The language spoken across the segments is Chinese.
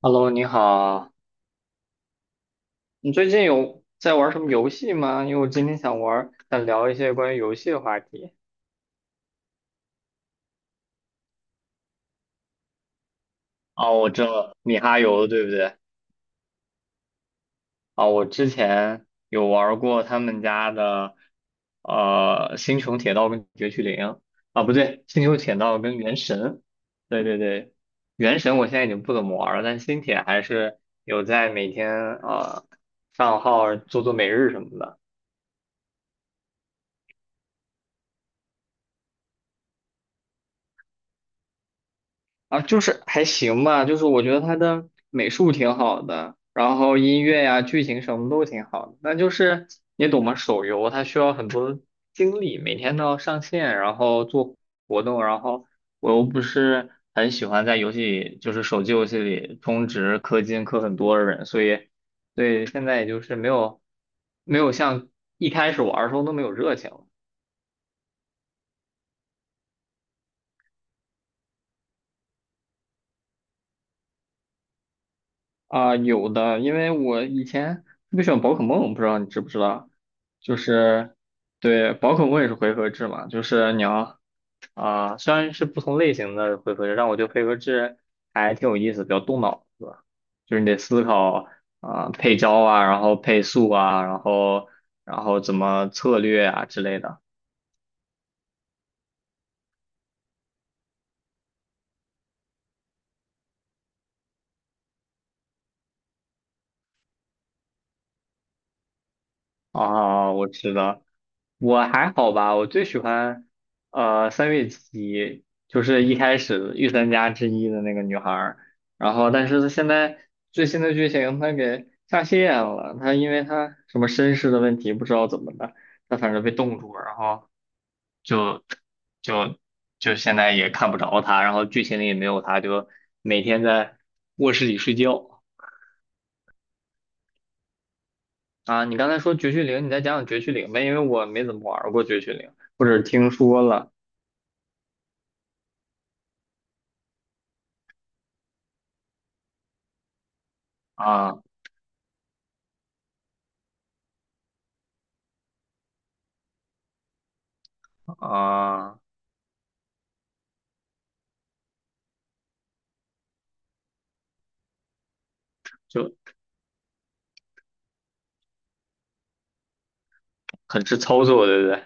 Hello，你好，你最近有在玩什么游戏吗？因为我今天想玩，想聊一些关于游戏的话题。哦，我知道了米哈游对不对？啊、我之前有玩过他们家的，《星穹铁道》跟《绝区零》啊，不对，《星穹铁道》跟《原神》。对对对，《原神》我现在已经不怎么玩了，但《星铁》还是有在每天呃上号做做每日什么的。啊，就是还行吧，就是我觉得他的美术挺好的，然后音乐呀、剧情什么都挺好的。那就是你懂吗？手游它需要很多精力，每天都要上线，然后做活动，然后我又不是很喜欢在游戏里，就是手机游戏里充值氪金氪很多的人，所以对现在也就是没有像一开始玩儿的时候那么有热情。啊，有的，因为我以前特别喜欢宝可梦，不知道你知不知道？就是，对，宝可梦也是回合制嘛，就是你要啊，虽然是不同类型的回合制，但我觉得回合制还挺有意思，比较动脑子，就是你得思考啊，配招啊，然后配速啊，然后怎么策略啊之类的。啊，我知道，我还好吧，我最喜欢三月起，就是一开始御三家之一的那个女孩儿，然后但是她现在最新的剧情她给下线了，她因为她什么身世的问题，不知道怎么的，她反正被冻住了，然后就就就现在也看不着她，然后剧情里也没有她，就每天在卧室里睡觉。啊，你刚才说绝区零，你再讲讲绝区零呗，因为我没怎么玩过绝区零，或者听说了啊啊，就很吃操作，对不对？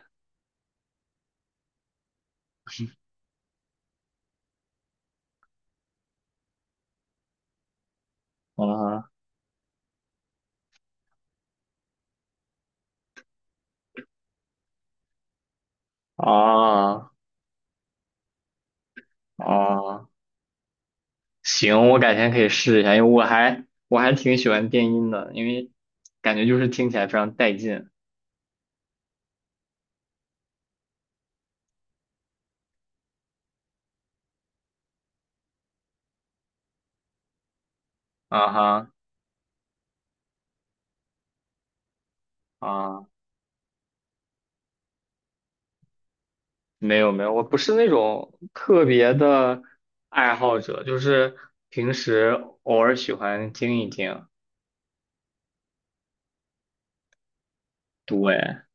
啊啊啊！行，我改天可以试一下，因为我还挺喜欢电音的，因为感觉就是听起来非常带劲。啊哈啊，没有没有，我不是那种特别的爱好者，就是平时偶尔喜欢听一听。对，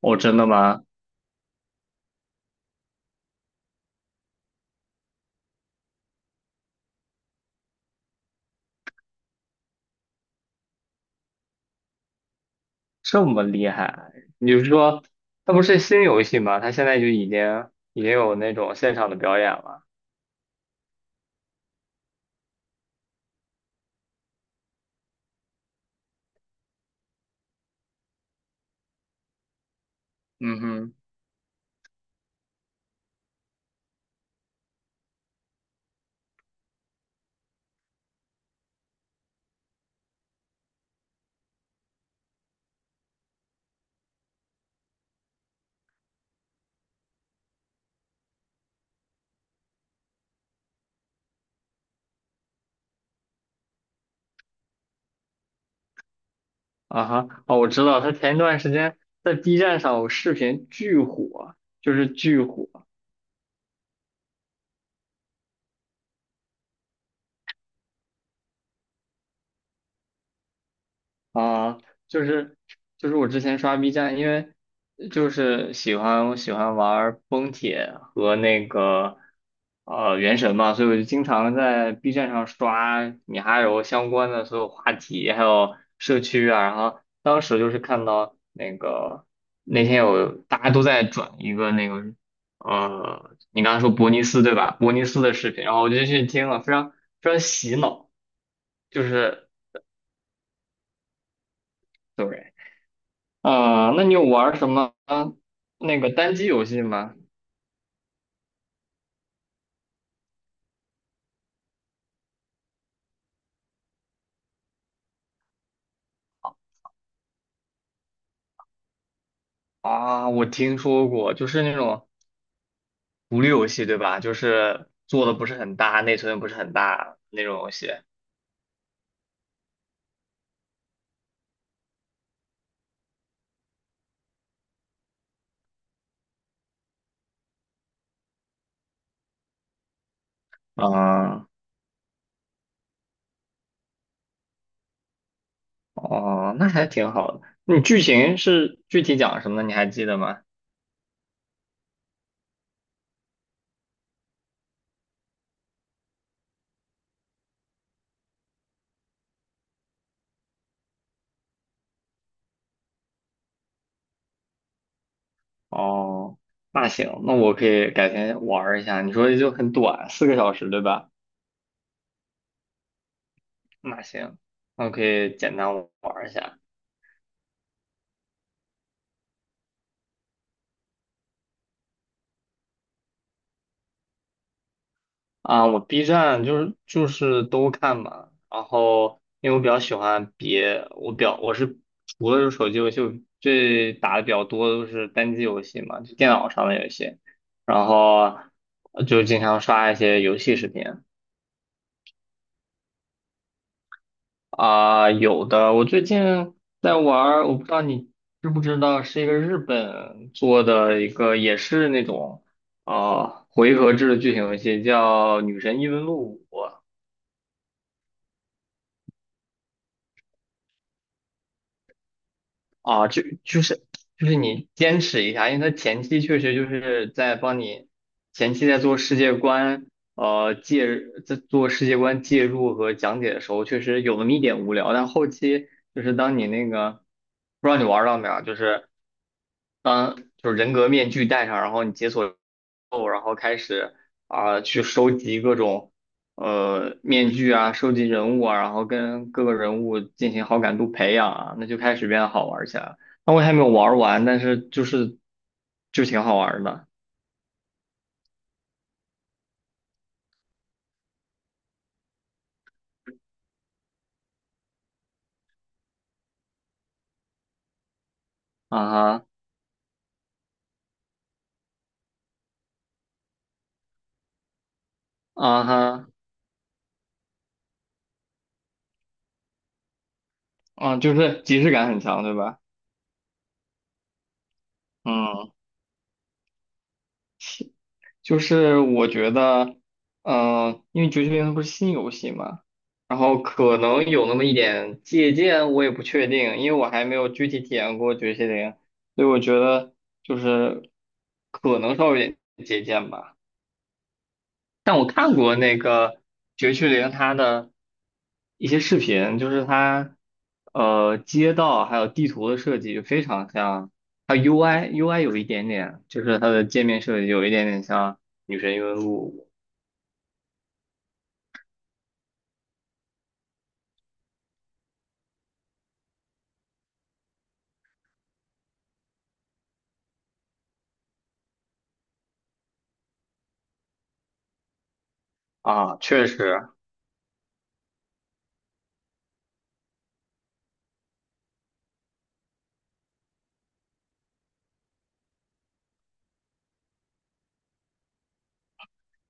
哦，真的吗？这么厉害？你是说它不是新游戏吗？它现在就已经有那种现场的表演了。嗯哼，啊哈，哦，我知道，它前一段时间在 B 站上有视频巨火，就是巨火。啊，就是就是我之前刷 B 站，因为就是我喜欢玩崩铁和那个原神嘛，所以我就经常在 B 站上刷米哈游相关的所有话题，还有社区啊。然后当时就是看到那个那天有大家都在转一个那个你刚才说伯尼斯对吧？伯尼斯的视频，然后我就去听了，非常非常洗脑，就是。对。啊，那你有玩什么那个单机游戏吗？啊，我听说过，就是那种独立游戏，对吧？就是做的不是很大，内存也不是很大那种游戏。啊，哦，那还挺好的。你剧情是具体讲什么的？你还记得吗？哦，那行，那我可以改天玩儿一下。你说就很短，4 个小时，对吧？那行，那我可以简单玩儿一下。啊，我 B 站就是都看嘛，然后因为我比较喜欢别，我表我是除了是手机游戏，我最打的比较多的都是单机游戏嘛，就电脑上的游戏，然后就经常刷一些游戏视频啊，有的我最近在玩儿，我不知道你知不知道，是一个日本做的一个也是那种啊回合制的剧情游戏，叫《女神异闻录五》。啊，就是你坚持一下，因为它前期确实就是在帮你前期在做世界观，呃，介在做世界观介入和讲解的时候，确实有那么一点无聊，但后期就是当你那个不知道你玩儿到没有啊，就是当就是人格面具戴上，然后你解锁后，然后开始啊、去收集各种面具啊，收集人物啊，然后跟各个人物进行好感度培养啊，那就开始变得好玩起来了。那我还没有玩完，但是就挺好玩的啊哈啊哈啊，就是即视感很强，对吧？嗯。就是我觉得，因为《绝区连》它不是新游戏嘛，然后可能有那么一点借鉴，我也不确定，因为我还没有具体体验过《绝区连》，所以我觉得就是可能稍微有点借鉴吧。但我看过那个《绝区零》它的一些视频，就是它街道还有地图的设计就非常像，它 UI 有一点点，就是它的界面设计有一点点像《女神异闻录》。啊，确实，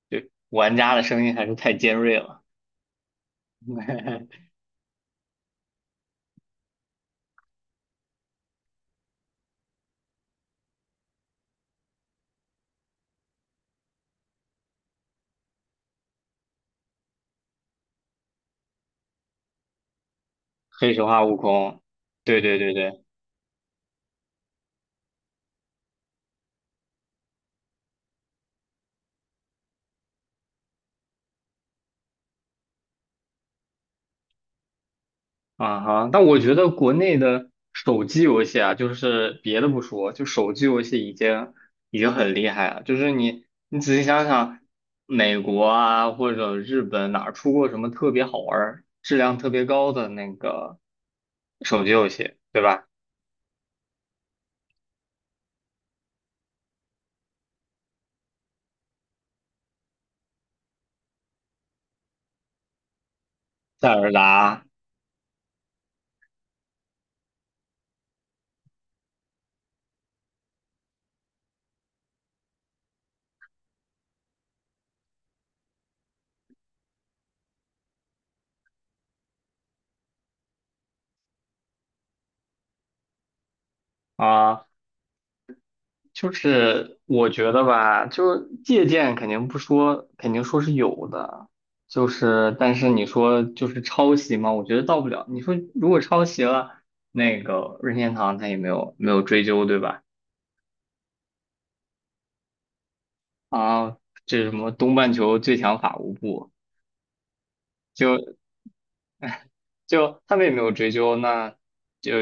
对，玩家的声音还是太尖锐了。黑神话：悟空，对对对对，啊哈。但我觉得国内的手机游戏啊，就是别的不说，就手机游戏已经很厉害了。就是你仔细想想，美国啊或者日本哪儿出过什么特别好玩儿、质量特别高的那个手机游戏，对吧？塞尔达啊，就是我觉得吧，就是借鉴肯定不说，肯定说是有的，就是但是你说就是抄袭嘛，我觉得到不了。你说如果抄袭了，那个任天堂他也没有追究，对吧？啊，这是什么东半球最强法务部，就。就他们也没有追究，那就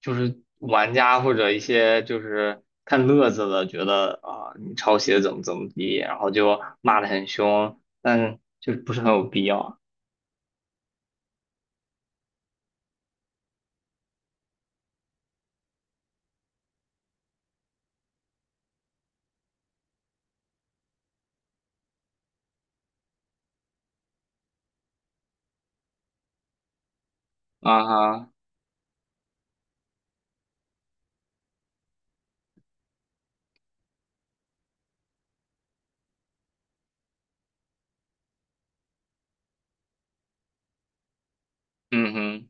就是玩家或者一些就是看乐子的，觉得啊、你抄袭的怎么怎么地，然后就骂得很凶，但就不是很有必要啊哈，嗯哼，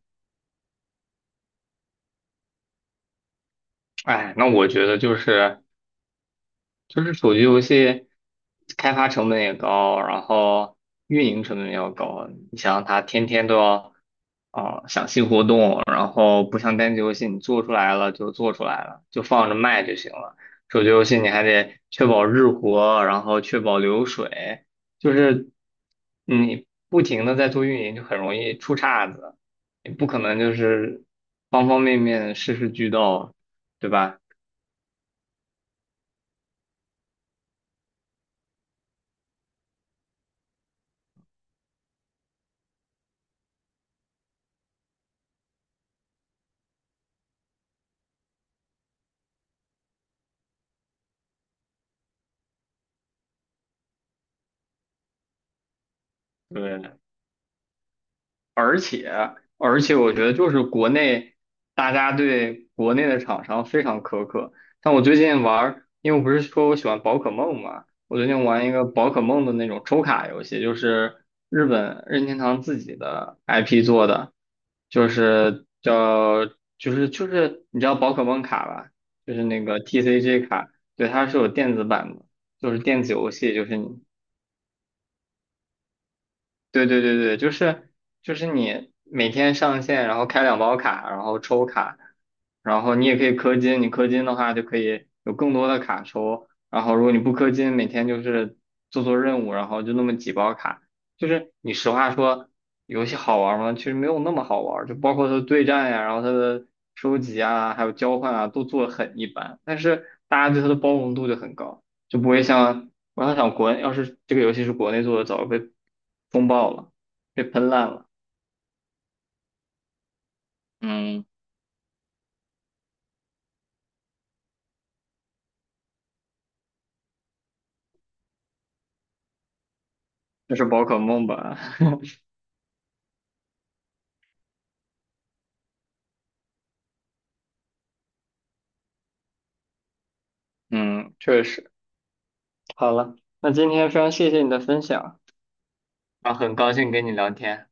哎，那我觉得就是。就是手机游戏开发成本也高，然后运营成本也要高。你想想，它天天都要啊、想新活动，然后不像单机游戏，你做出来了就做出来了，就放着卖就行了。手机游戏你还得确保日活，然后确保流水，就是你不停的在做运营，就很容易出岔子。你不可能就是方方面面事事俱到，对吧？对。而且而且，我觉得就是国内大家对国内的厂商非常苛刻。但我最近玩儿，因为我不是说我喜欢宝可梦嘛，我最近玩一个宝可梦的那种抽卡游戏，就是日本任天堂自己的 IP 做的，就是叫就是你知道宝可梦卡吧，就是那个 TCG 卡，对，它是有电子版的，就是电子游戏，就是对对对对，就是你每天上线，然后开两包卡，然后抽卡，然后你也可以氪金，你氪金的话就可以有更多的卡抽，然后如果你不氪金，每天就是做做任务，然后就那么几包卡，就是你实话说，游戏好玩吗？其实没有那么好玩，就包括它的对战呀，然后它的收集啊，还有交换啊，都做得很一般，但是大家对它的包容度就很高，就不会像。我想想要是这个游戏是国内做的，早就被风暴了，被喷烂了。嗯，那是宝可梦吧？嗯，确实。好了，那今天非常谢谢你的分享啊，很高兴跟你聊天，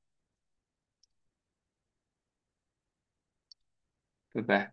拜拜。